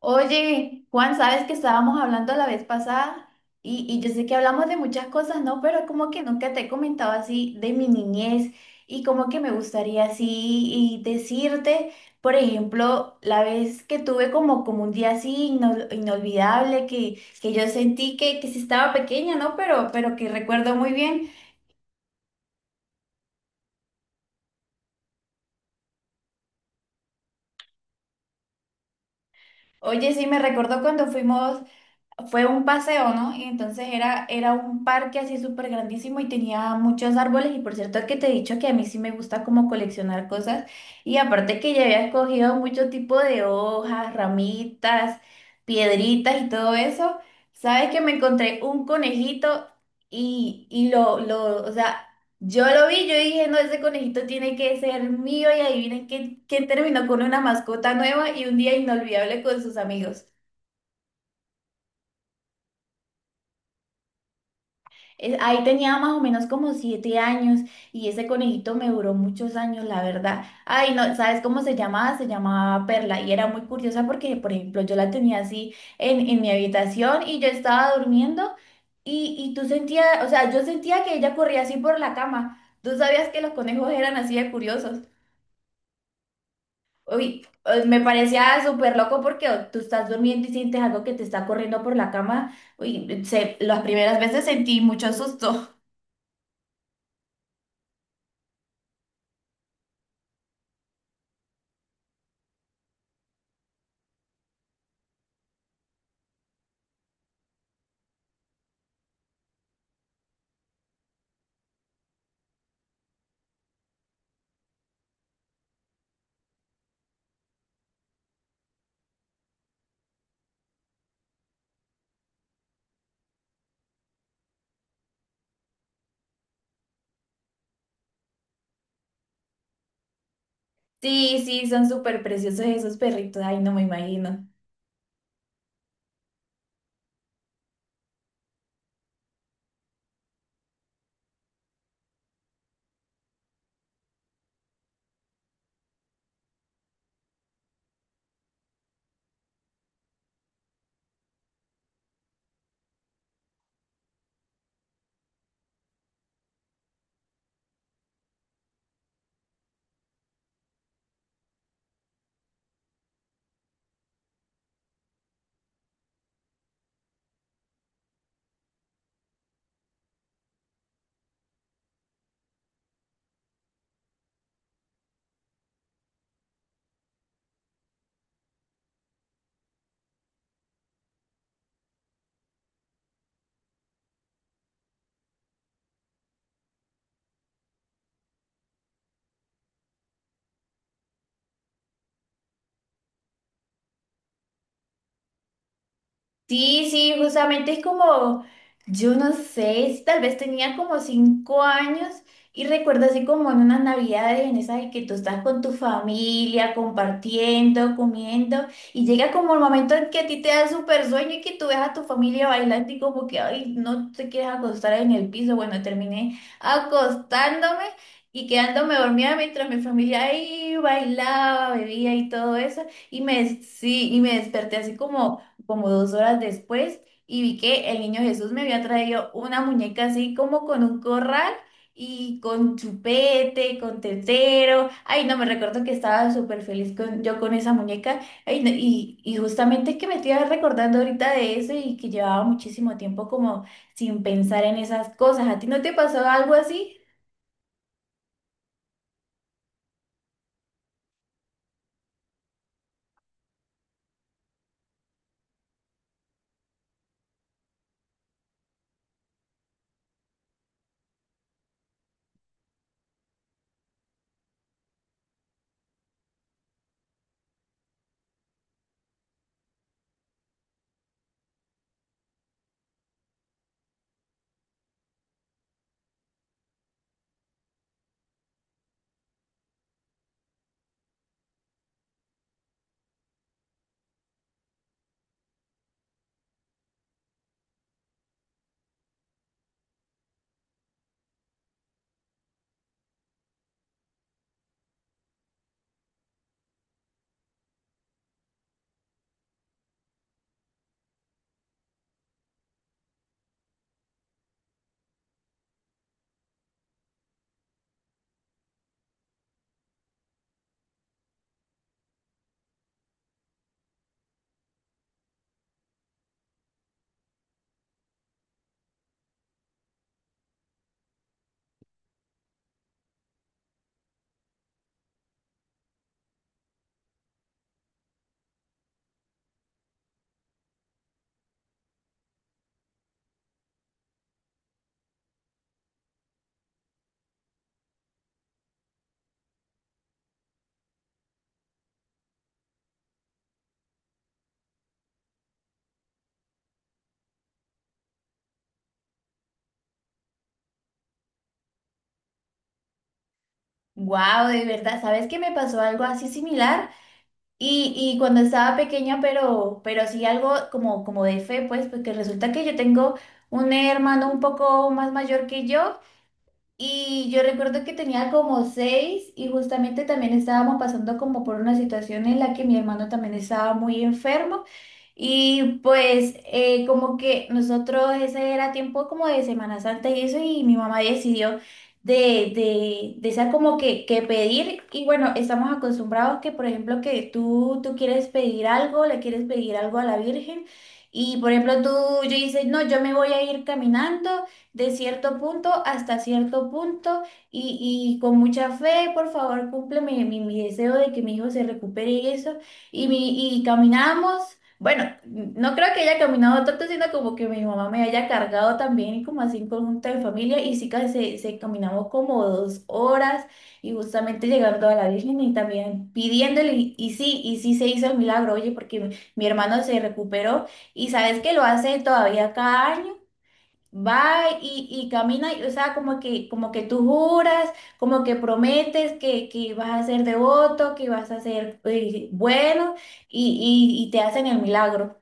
Oye, Juan, sabes que estábamos hablando la vez pasada y yo sé que hablamos de muchas cosas, ¿no? Pero como que nunca te he comentado así de mi niñez y como que me gustaría así y decirte, por ejemplo, la vez que tuve como un día así inolvidable que yo sentí que sí estaba pequeña, ¿no? Pero que recuerdo muy bien. Oye, sí, me recordó cuando fuimos fue un paseo, ¿no? Y entonces era un parque así súper grandísimo y tenía muchos árboles. Y por cierto que te he dicho que a mí sí me gusta como coleccionar cosas. Y aparte que ya había escogido mucho tipo de hojas, ramitas, piedritas y todo eso. ¿Sabes que me encontré un conejito y o sea, yo lo vi, yo dije, no, ese conejito tiene que ser mío. Y adivinen quién terminó con una mascota nueva y un día inolvidable con sus amigos. Ahí tenía más o menos como 7 años y ese conejito me duró muchos años, la verdad. Ay, no, ¿sabes cómo se llamaba? Se llamaba Perla y era muy curiosa porque, por ejemplo, yo la tenía así en mi habitación y yo estaba durmiendo y tú sentías, o sea, yo sentía que ella corría así por la cama. ¿Tú sabías que los conejos eran así de curiosos? Uy, me parecía súper loco porque oh, tú estás durmiendo y sientes algo que te está corriendo por la cama. Uy, las primeras veces sentí mucho susto. Sí, sí, son súper preciosos esos perritos. Ay, no me imagino. Sí, sí, justamente es como, yo no sé, tal vez tenía como 5 años y recuerdo así como en unas navidades, en esas de que tú estás con tu familia, compartiendo, comiendo, y llega como el momento en que a ti te da súper sueño y que tú ves a tu familia bailando y como que, ay, no te quieres acostar en el piso. Bueno, terminé acostándome y quedándome dormida mientras mi familia ahí bailaba, bebía y todo eso, sí, y me desperté así como 2 horas después y vi que el niño Jesús me había traído una muñeca así como con un corral y con chupete, con tetero. Ay, no, me recuerdo que estaba súper feliz yo con esa muñeca. Ay, no, y justamente que me estoy recordando ahorita de eso y que llevaba muchísimo tiempo como sin pensar en esas cosas. ¿A ti no te pasó algo así? Wow, de verdad, ¿sabes que me pasó algo así similar? Y cuando estaba pequeña, pero sí algo como de fe, pues, porque resulta que yo tengo un hermano un poco más mayor que yo y yo recuerdo que tenía como seis y justamente también estábamos pasando como por una situación en la que mi hermano también estaba muy enfermo. Y pues como que nosotros ese era tiempo como de Semana Santa y eso y mi mamá decidió de esa como que pedir y bueno, estamos acostumbrados que por ejemplo que tú quieres pedir algo, le quieres pedir algo a la Virgen y por ejemplo yo dices, no, yo me voy a ir caminando de cierto punto hasta cierto punto y con mucha fe, por favor, cumple mi deseo de que mi hijo se recupere y eso y caminamos. Bueno, no creo que haya caminado tanto, sino como que mi mamá me haya cargado también y como así en conjunto de familia y sí que se caminamos como 2 horas y justamente llegando a la Virgen y también pidiéndole y sí, y sí se hizo el milagro, oye, porque mi hermano se recuperó y sabes que lo hace todavía cada año. Va y camina, y, o sea, como que tú juras, como que prometes que vas a ser devoto, que vas a ser bueno y te hacen el milagro.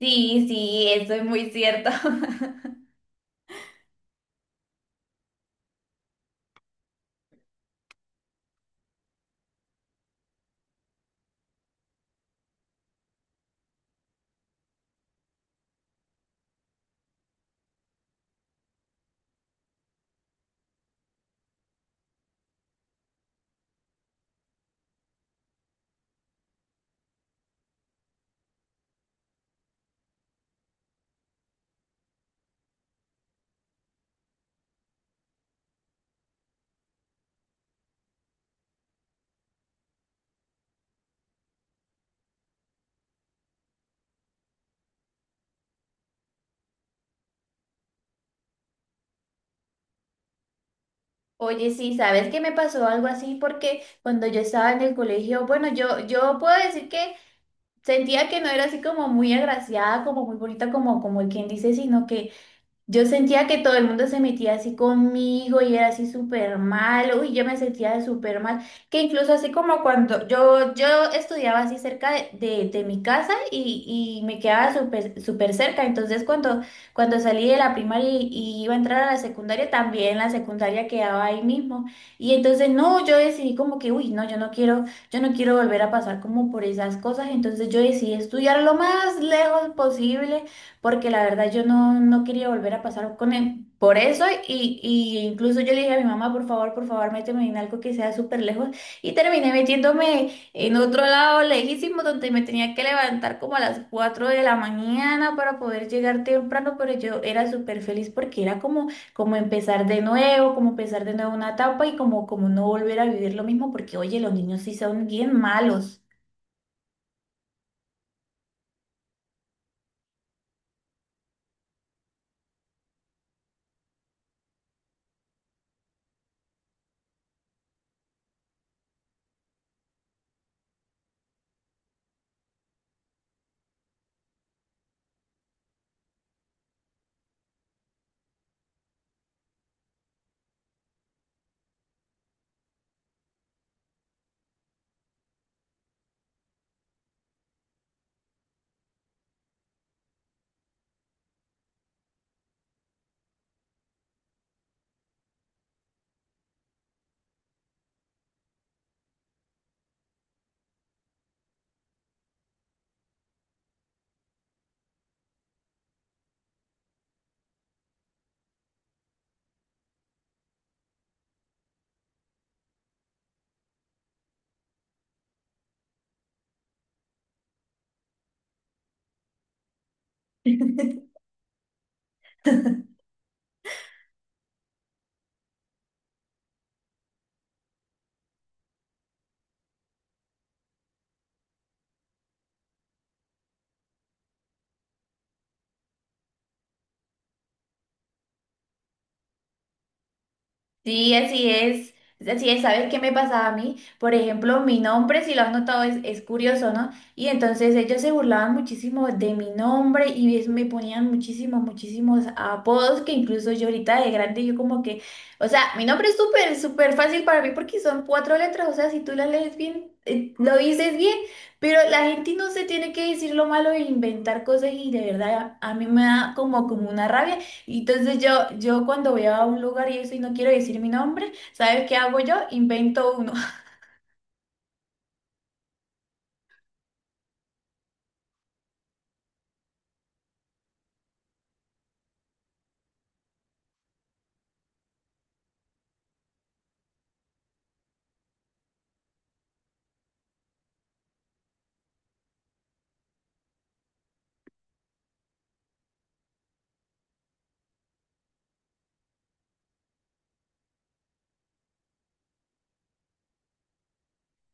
Sí, sí, eso es muy cierto. Oye, sí, ¿sabes qué me pasó algo así? Porque cuando yo estaba en el colegio, bueno, yo puedo decir que sentía que no era así como muy agraciada, como muy bonita, como el quien dice, sino que yo sentía que todo el mundo se metía así conmigo y era así súper mal, uy, yo me sentía súper mal, que incluso así como cuando yo estudiaba así cerca de mi casa y me quedaba súper súper cerca, entonces cuando salí de la primaria y iba a entrar a la secundaria, también la secundaria quedaba ahí mismo, y entonces no, yo decidí como que, uy, no, yo no quiero volver a pasar como por esas cosas, entonces yo decidí estudiar lo más lejos posible porque la verdad yo no quería volver a pasar con él. Por eso, y incluso yo le dije a mi mamá, por favor, méteme en algo que sea súper lejos. Y terminé metiéndome en otro lado lejísimo, donde me tenía que levantar como a las 4 de la mañana para poder llegar temprano, pero yo era súper feliz porque era como empezar de nuevo, como empezar de nuevo una etapa y como no volver a vivir lo mismo, porque oye, los niños sí son bien malos. Sí, así es. Así es, ¿sabes qué me pasaba a mí? Por ejemplo, mi nombre, si lo has notado, es curioso, ¿no? Y entonces ellos se burlaban muchísimo de mi nombre y me ponían muchísimos, muchísimos apodos que incluso yo ahorita de grande, yo como que, o sea, mi nombre es súper, súper fácil para mí porque son cuatro letras, o sea, si tú las lees bien, lo dices bien, pero la gente no se tiene que decir lo malo e inventar cosas y de verdad a mí me da como una rabia. Y entonces yo cuando voy a un lugar y eso y no quiero decir mi nombre, ¿sabes qué hago yo? Invento uno.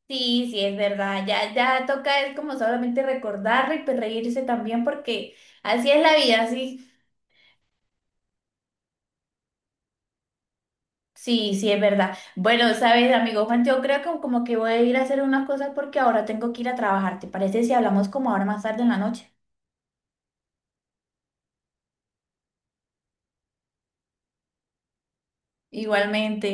Sí, sí, es verdad. Ya, ya toca es como solamente recordarlo y pues reírse también porque así es la vida, sí. Sí, sí, es verdad. Bueno, sabes, amigo Juan, yo creo que como que voy a ir a hacer unas cosas porque ahora tengo que ir a trabajar. ¿Te parece si hablamos como ahora más tarde en la noche? Igualmente.